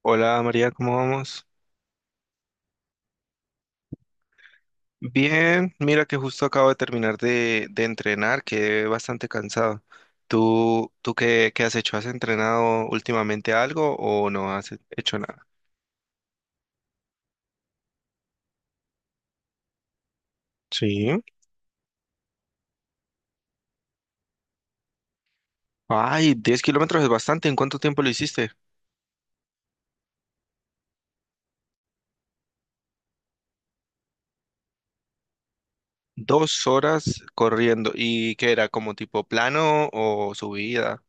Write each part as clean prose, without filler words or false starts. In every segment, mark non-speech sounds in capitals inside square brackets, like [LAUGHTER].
Hola María, ¿cómo vamos? Bien, mira que justo acabo de terminar de entrenar, quedé bastante cansado. ¿Tú qué has hecho? ¿Has entrenado últimamente algo o no has hecho nada? Sí. Ay, 10 kilómetros es bastante. ¿En cuánto tiempo lo hiciste? 2 horas corriendo. ¿Y qué era? ¿Como tipo plano o subida?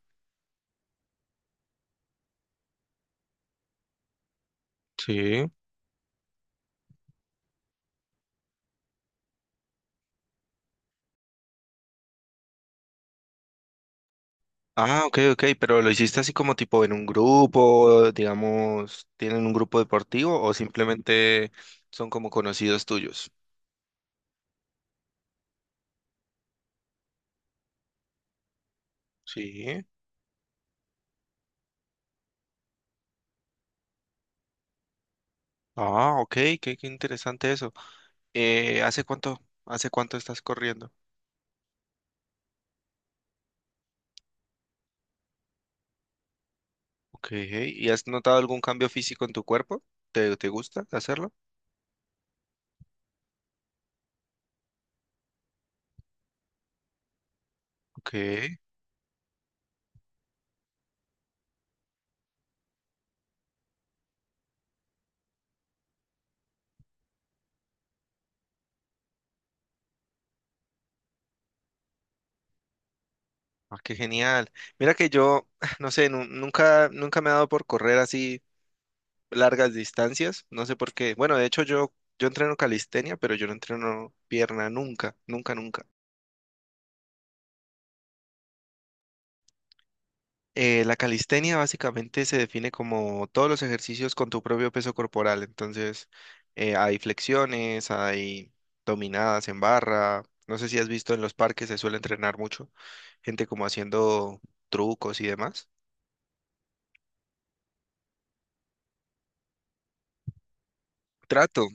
Sí. Ah, ok, ok, pero lo hiciste así como tipo en un grupo, digamos, ¿tienen un grupo deportivo o simplemente son como conocidos tuyos? Sí. Ah, ok, qué interesante eso. Eh, ¿hace cuánto, hace cuánto estás corriendo? Ok, ¿y has notado algún cambio físico en tu cuerpo? ¿Te gusta hacerlo? Ok, ah, qué genial. Mira que yo, [SIGHS] [LAUGHS] no sé, nunca me he dado por correr así largas distancias. No sé por qué. Bueno, de hecho yo entreno calistenia, pero yo no entreno pierna nunca, nunca, nunca. La calistenia básicamente se define como todos los ejercicios con tu propio peso corporal. Entonces, hay flexiones, hay dominadas en barra. No sé si has visto en los parques, se suele entrenar mucho gente como haciendo trucos y demás. Trato.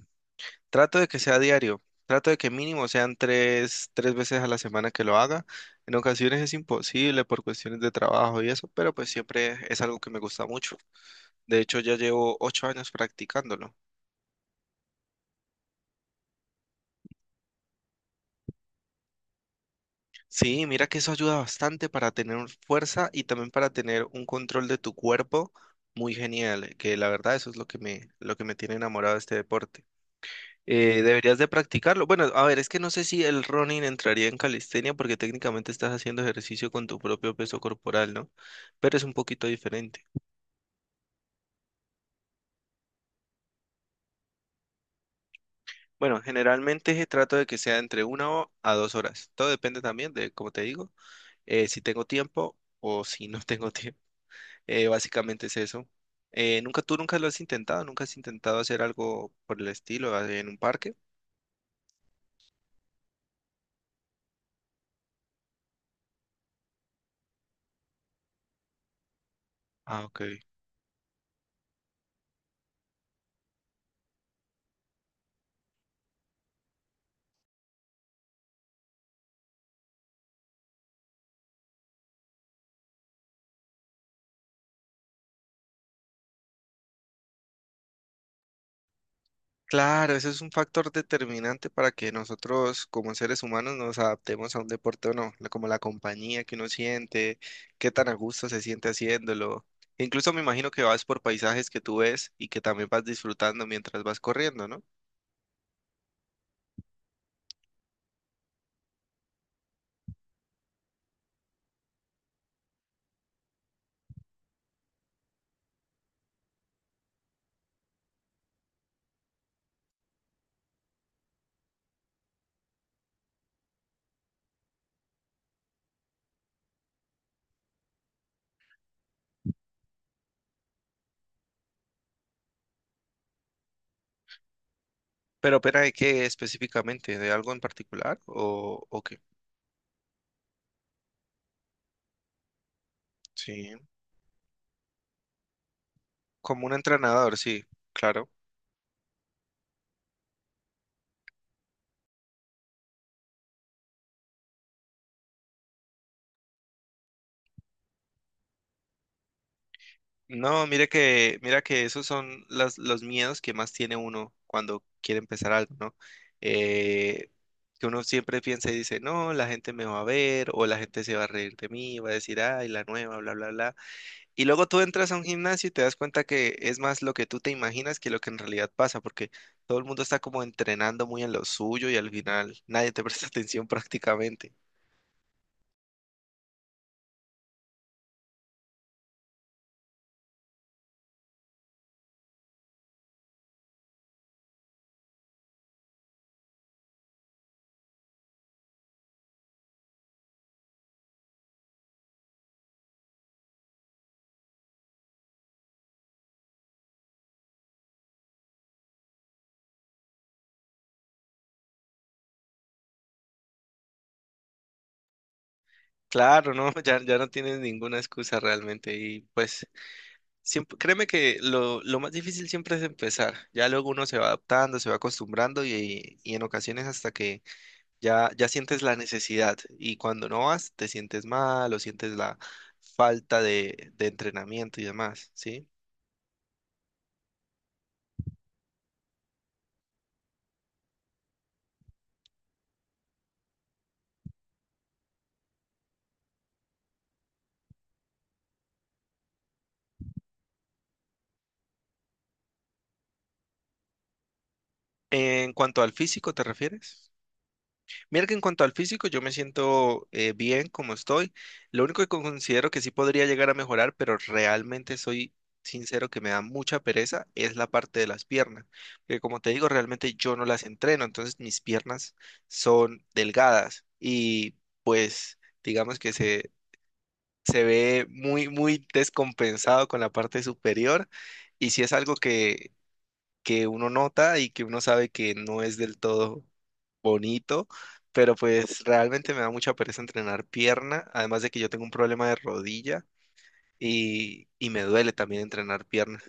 Trato de que sea diario, trato de que mínimo sean tres veces a la semana que lo haga. En ocasiones es imposible por cuestiones de trabajo y eso, pero pues siempre es algo que me gusta mucho. De hecho, ya llevo 8 años practicándolo. Sí, mira que eso ayuda bastante para tener fuerza y también para tener un control de tu cuerpo muy genial, que la verdad eso es lo que me tiene enamorado de este deporte. Deberías de practicarlo. Bueno, a ver, es que no sé si el running entraría en calistenia porque técnicamente estás haciendo ejercicio con tu propio peso corporal, ¿no? Pero es un poquito diferente. Bueno, generalmente trato de que sea entre una a 2 horas. Todo depende también de, como te digo, si tengo tiempo o si no [LAUGHS] tengo tiempo. Básicamente es eso. ¿Nunca, tú nunca lo has intentado? ¿Nunca has intentado hacer algo por el estilo en un parque? Ah, ok. Claro, ese es un factor determinante para que nosotros como seres humanos nos adaptemos a un deporte o no, como la compañía que uno siente, qué tan a gusto se siente haciéndolo. Incluso me imagino que vas por paisajes que tú ves y que también vas disfrutando mientras vas corriendo, ¿no? ¿Pero de qué específicamente? ¿De algo en particular o qué? Sí, como un entrenador, sí, claro. No, mira que esos son los miedos que más tiene uno cuando quiere empezar algo, ¿no? Eh, que uno siempre piensa y dice, no, la gente me va a ver o la gente se va a reír de mí, va a decir, ay, la nueva, bla, bla, bla. Y luego tú entras a un gimnasio y te das cuenta que es más lo que tú te imaginas que lo que en realidad pasa, porque todo el mundo está como entrenando muy en lo suyo y al final nadie te [LAUGHS] presta atención prácticamente. Claro, no, [LAUGHS] ya no tienes ninguna excusa realmente y pues siempre, créeme que lo, más difícil siempre es empezar. Ya luego uno se va adaptando, se va acostumbrando y en ocasiones hasta que ya sientes la necesidad y cuando no vas te sientes mal o sientes la falta de entrenamiento y demás, ¿sí? En cuanto al físico, ¿te refieres? Mira que en cuanto al físico, yo me siento bien como estoy. Lo único que considero que sí podría llegar a mejorar, pero realmente soy sincero que me da mucha pereza, es la parte de las piernas. Porque como te digo, realmente yo no las entreno, entonces mis piernas son delgadas y pues digamos que se ve muy, muy descompensado con la parte superior. Y si es algo que uno nota y que uno sabe que no es del todo bonito, pero pues realmente me da mucha pereza entrenar pierna, además de que yo tengo un problema de rodilla y me duele también entrenar pierna.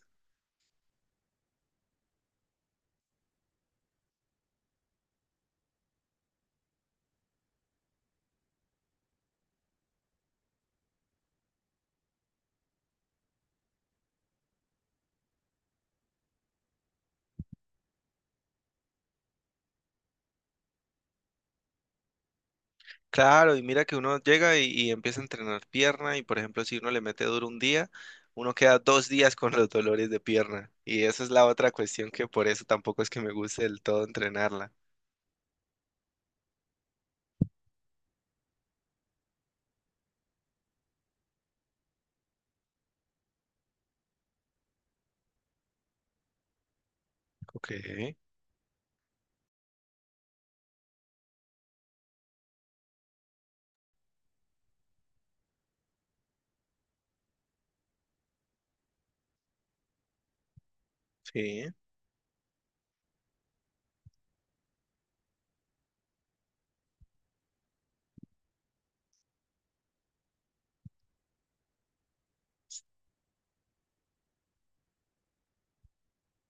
Claro, y mira que uno llega y empieza a entrenar pierna y por ejemplo si uno le mete duro un día, uno queda 2 días con los dolores de pierna y esa es la otra cuestión que por eso tampoco es que me guste del todo entrenarla. Ok, sí.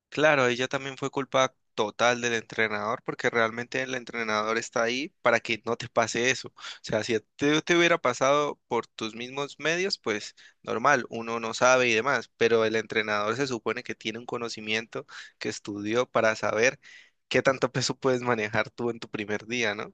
Claro, ella también fue culpa total del entrenador, porque realmente el entrenador está ahí para que no te pase eso. O sea, si a ti te hubiera pasado por tus mismos medios, pues normal, uno no sabe y demás, pero el entrenador se supone que tiene un conocimiento que estudió para saber qué tanto [LAUGHS] peso puedes manejar tú en tu primer día, ¿no?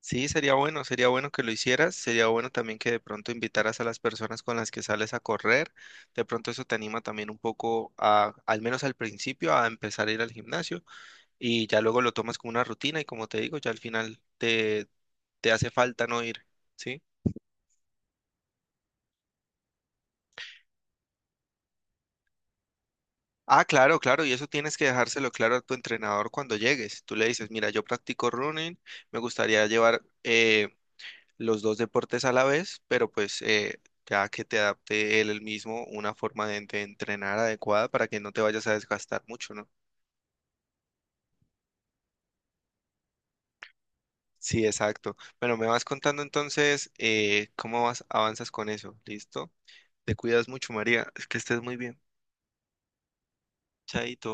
Sí, sería bueno que lo hicieras, sería bueno también que de pronto invitaras a las personas con las que sales a correr, de pronto eso te anima también un poco al menos al principio, a empezar a ir al gimnasio y ya luego lo tomas como una rutina y como te digo, ya al final te, hace falta no ir, ¿sí? Ah, claro, claro, y eso tienes que dejárselo claro a tu entrenador cuando llegues. Tú le dices, mira, yo practico running, me gustaría llevar los dos deportes a la vez, pero pues ya que te adapte él el mismo una forma de entrenar adecuada para que no te vayas a desgastar mucho, ¿no? Sí, exacto. Bueno, me vas contando entonces cómo vas, avanzas con eso, ¿listo? Te cuidas mucho, María. Es que estés muy bien. Chaito.